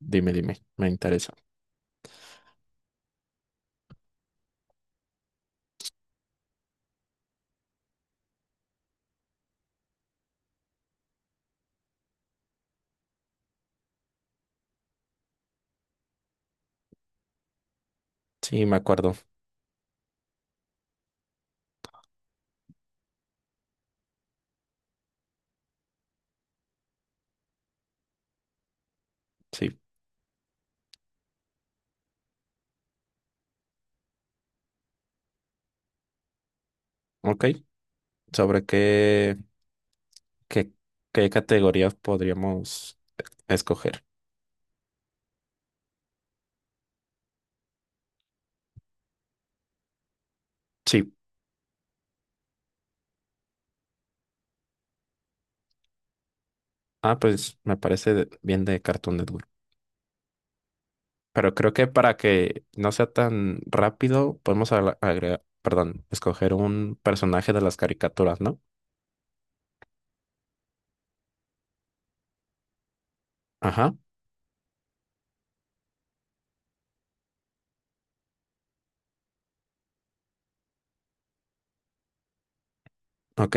Dime, me interesa. Sí, me acuerdo. Sí, ok. ¿Sobre qué, qué categorías podríamos escoger? Sí. Ah, pues me parece bien de Cartoon Network. Pero creo que para que no sea tan rápido, podemos agregar, perdón, escoger un personaje de las caricaturas, ¿no? Ajá, ok,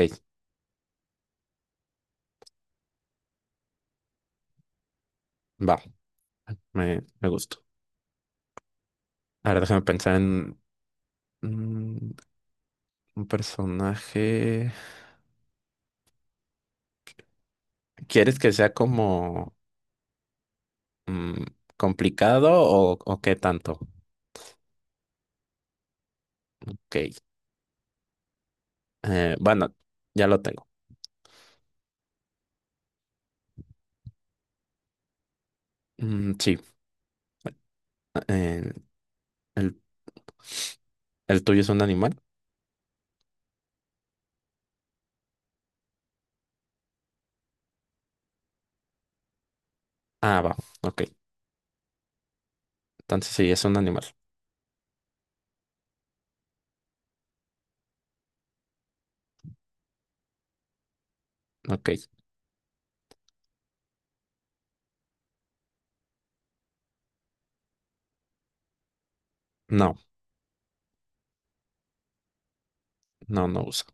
va. Me gusta. A ver, déjame pensar en mm, un personaje. ¿Quieres que sea como... Mm, ¿complicado o qué tanto? Ok. Bueno, ya lo tengo. Mm, sí. eh, el, ¿el tuyo es un animal? Ah, va. Ok. Entonces sí, es un animal. Ok. No, no uso.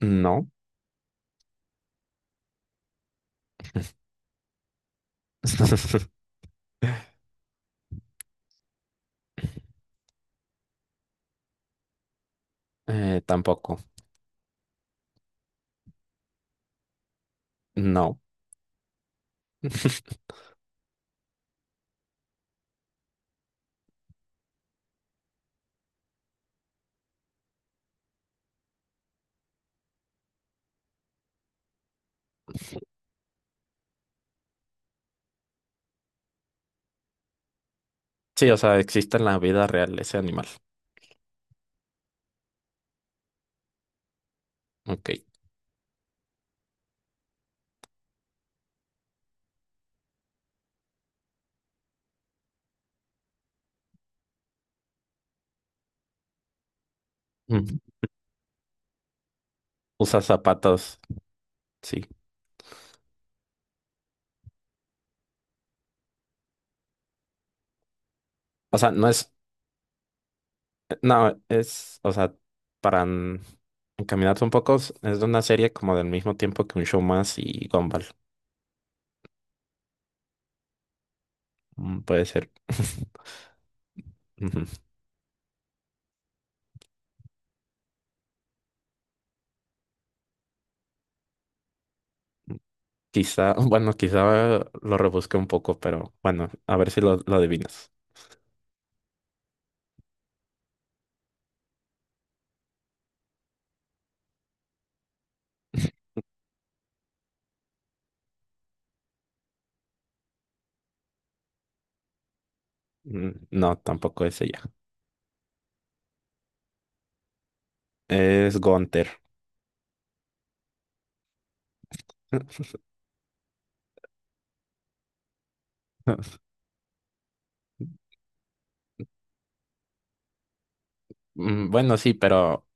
No. Tampoco. No. Sí, o sea, existe en la vida real ese animal. Ok. Ujú. Usa zapatos. Sí. O sea, no es. No, es, o sea, para encaminarte un poco, es de una serie como del mismo tiempo que un show más y Gumball. Puede ser. Ujú. Quizá, bueno, quizá lo rebusque un poco, pero bueno, a ver si lo adivinas. Mm, no, tampoco es ella. Es Gunther. Mm, bueno, sí,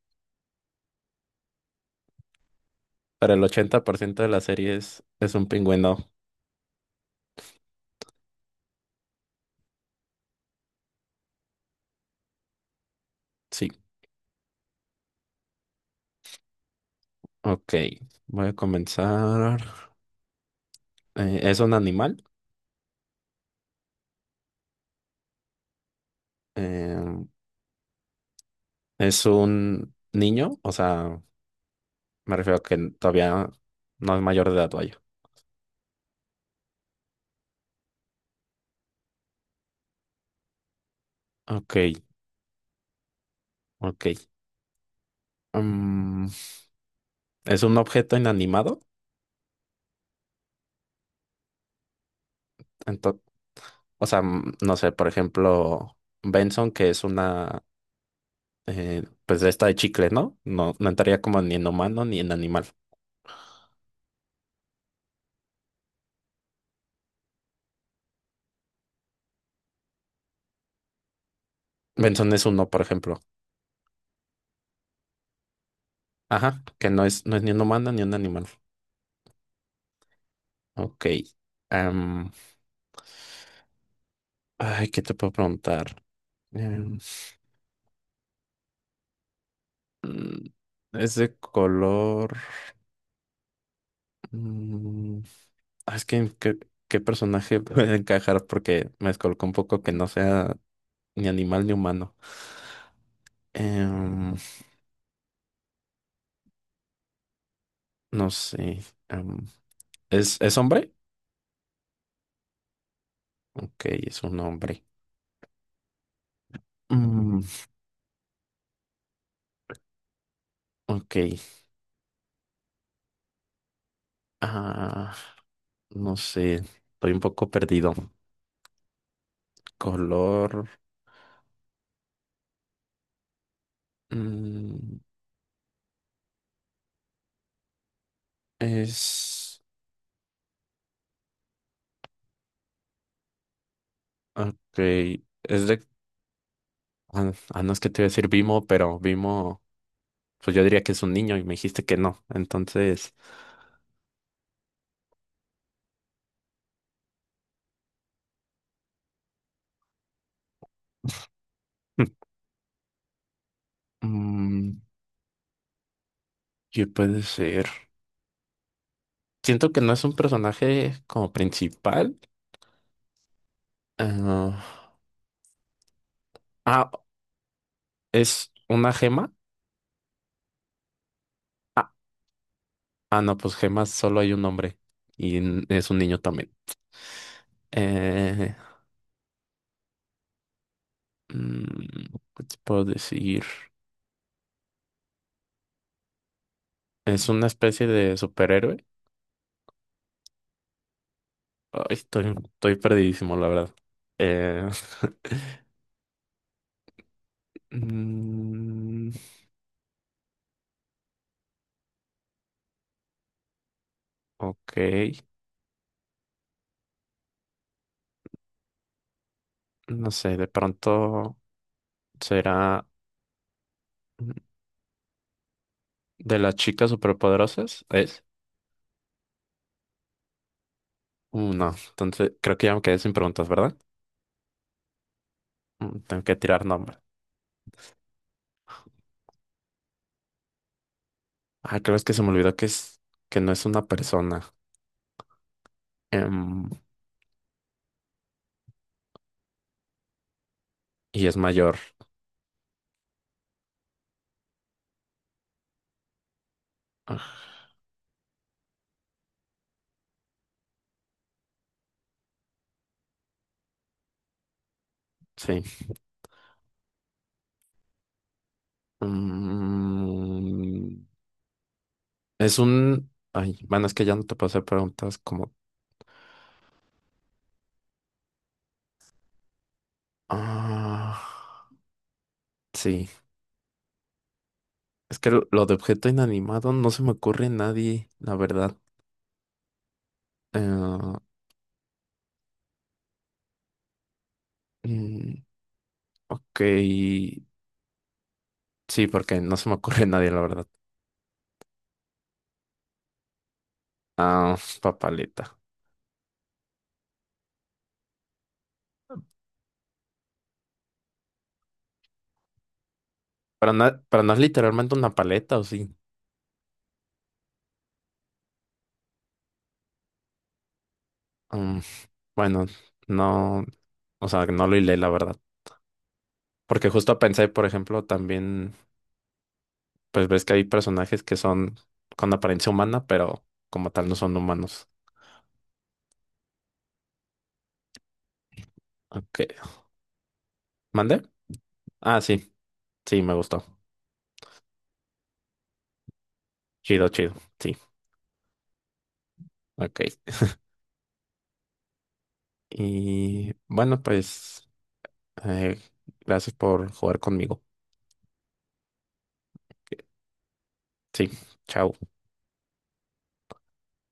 pero el 80% de la serie es un pingüino. Sí, ok. Voy a comenzar. ¿Es un animal? Em, Es un niño, o sea, me refiero a que todavía no es mayor de edad, vaya. Ok, ok. Mm, es un objeto inanimado. Ento- o sea, no sé, por ejemplo, Benson, que es una, pues de esta de chicle, ¿no? No, no entraría como ni en humano ni en animal. Benson es uno, por ejemplo. Ajá, que no es, no es ni un humano ni un animal. Ok. Am, ay, ¿qué te puedo preguntar? Em, mm, es de color. Mm, ah, es que qué personaje puede encajar porque me descolocó un poco que no sea ni animal ni humano. Em, no sé. em, es hombre? Ok, es un hombre. Mm, ok. Ah, no sé. Estoy un poco perdido. Color. mm, es. Ok. Es de. No es que te iba a decir Vimo, pero Vimo. Pues yo diría que es un niño y me dijiste que no. Entonces. Mm, ¿qué puede ser? Siento que no es un personaje como principal. ah, ah, ¿Es una gema? Ah, no, pues gemas solo hay un hombre y es un niño también. Eh, mm, ¿Qué te puedo decir? ¿Es una especie de superhéroe? Ay, estoy perdidísimo, la verdad. Eh, mm, ok, no sé, de pronto será... ¿De las chicas superpoderosas? ¿Es? No, entonces creo que ya me quedé sin preguntas, ¿verdad? Mm, tengo que tirar nombres. Ah, creo es que se me olvidó que es que no es una persona, em, y es mayor. Ah, sí. Mm, es un. Ay, bueno, es que ya no te puedo hacer preguntas como. Ah, sí. Es que lo de objeto inanimado no se me ocurre a nadie, la verdad. Eh, mm, ok. Sí, porque no se me ocurre a nadie, la verdad. Ah, papaleta. Pero no, pero no es literalmente una paleta, ¿o sí? Mm, bueno, no, o sea, no lo hilé, la verdad. Porque justo pensé, por ejemplo, también, pues ves que hay personajes que son con apariencia humana, pero como tal no son humanos. Ok. ¿Mande? Ah, sí, sí, me gustó. Chido, chido, sí. Ok. Y bueno, pues, eh, gracias por jugar conmigo. Sí, chao.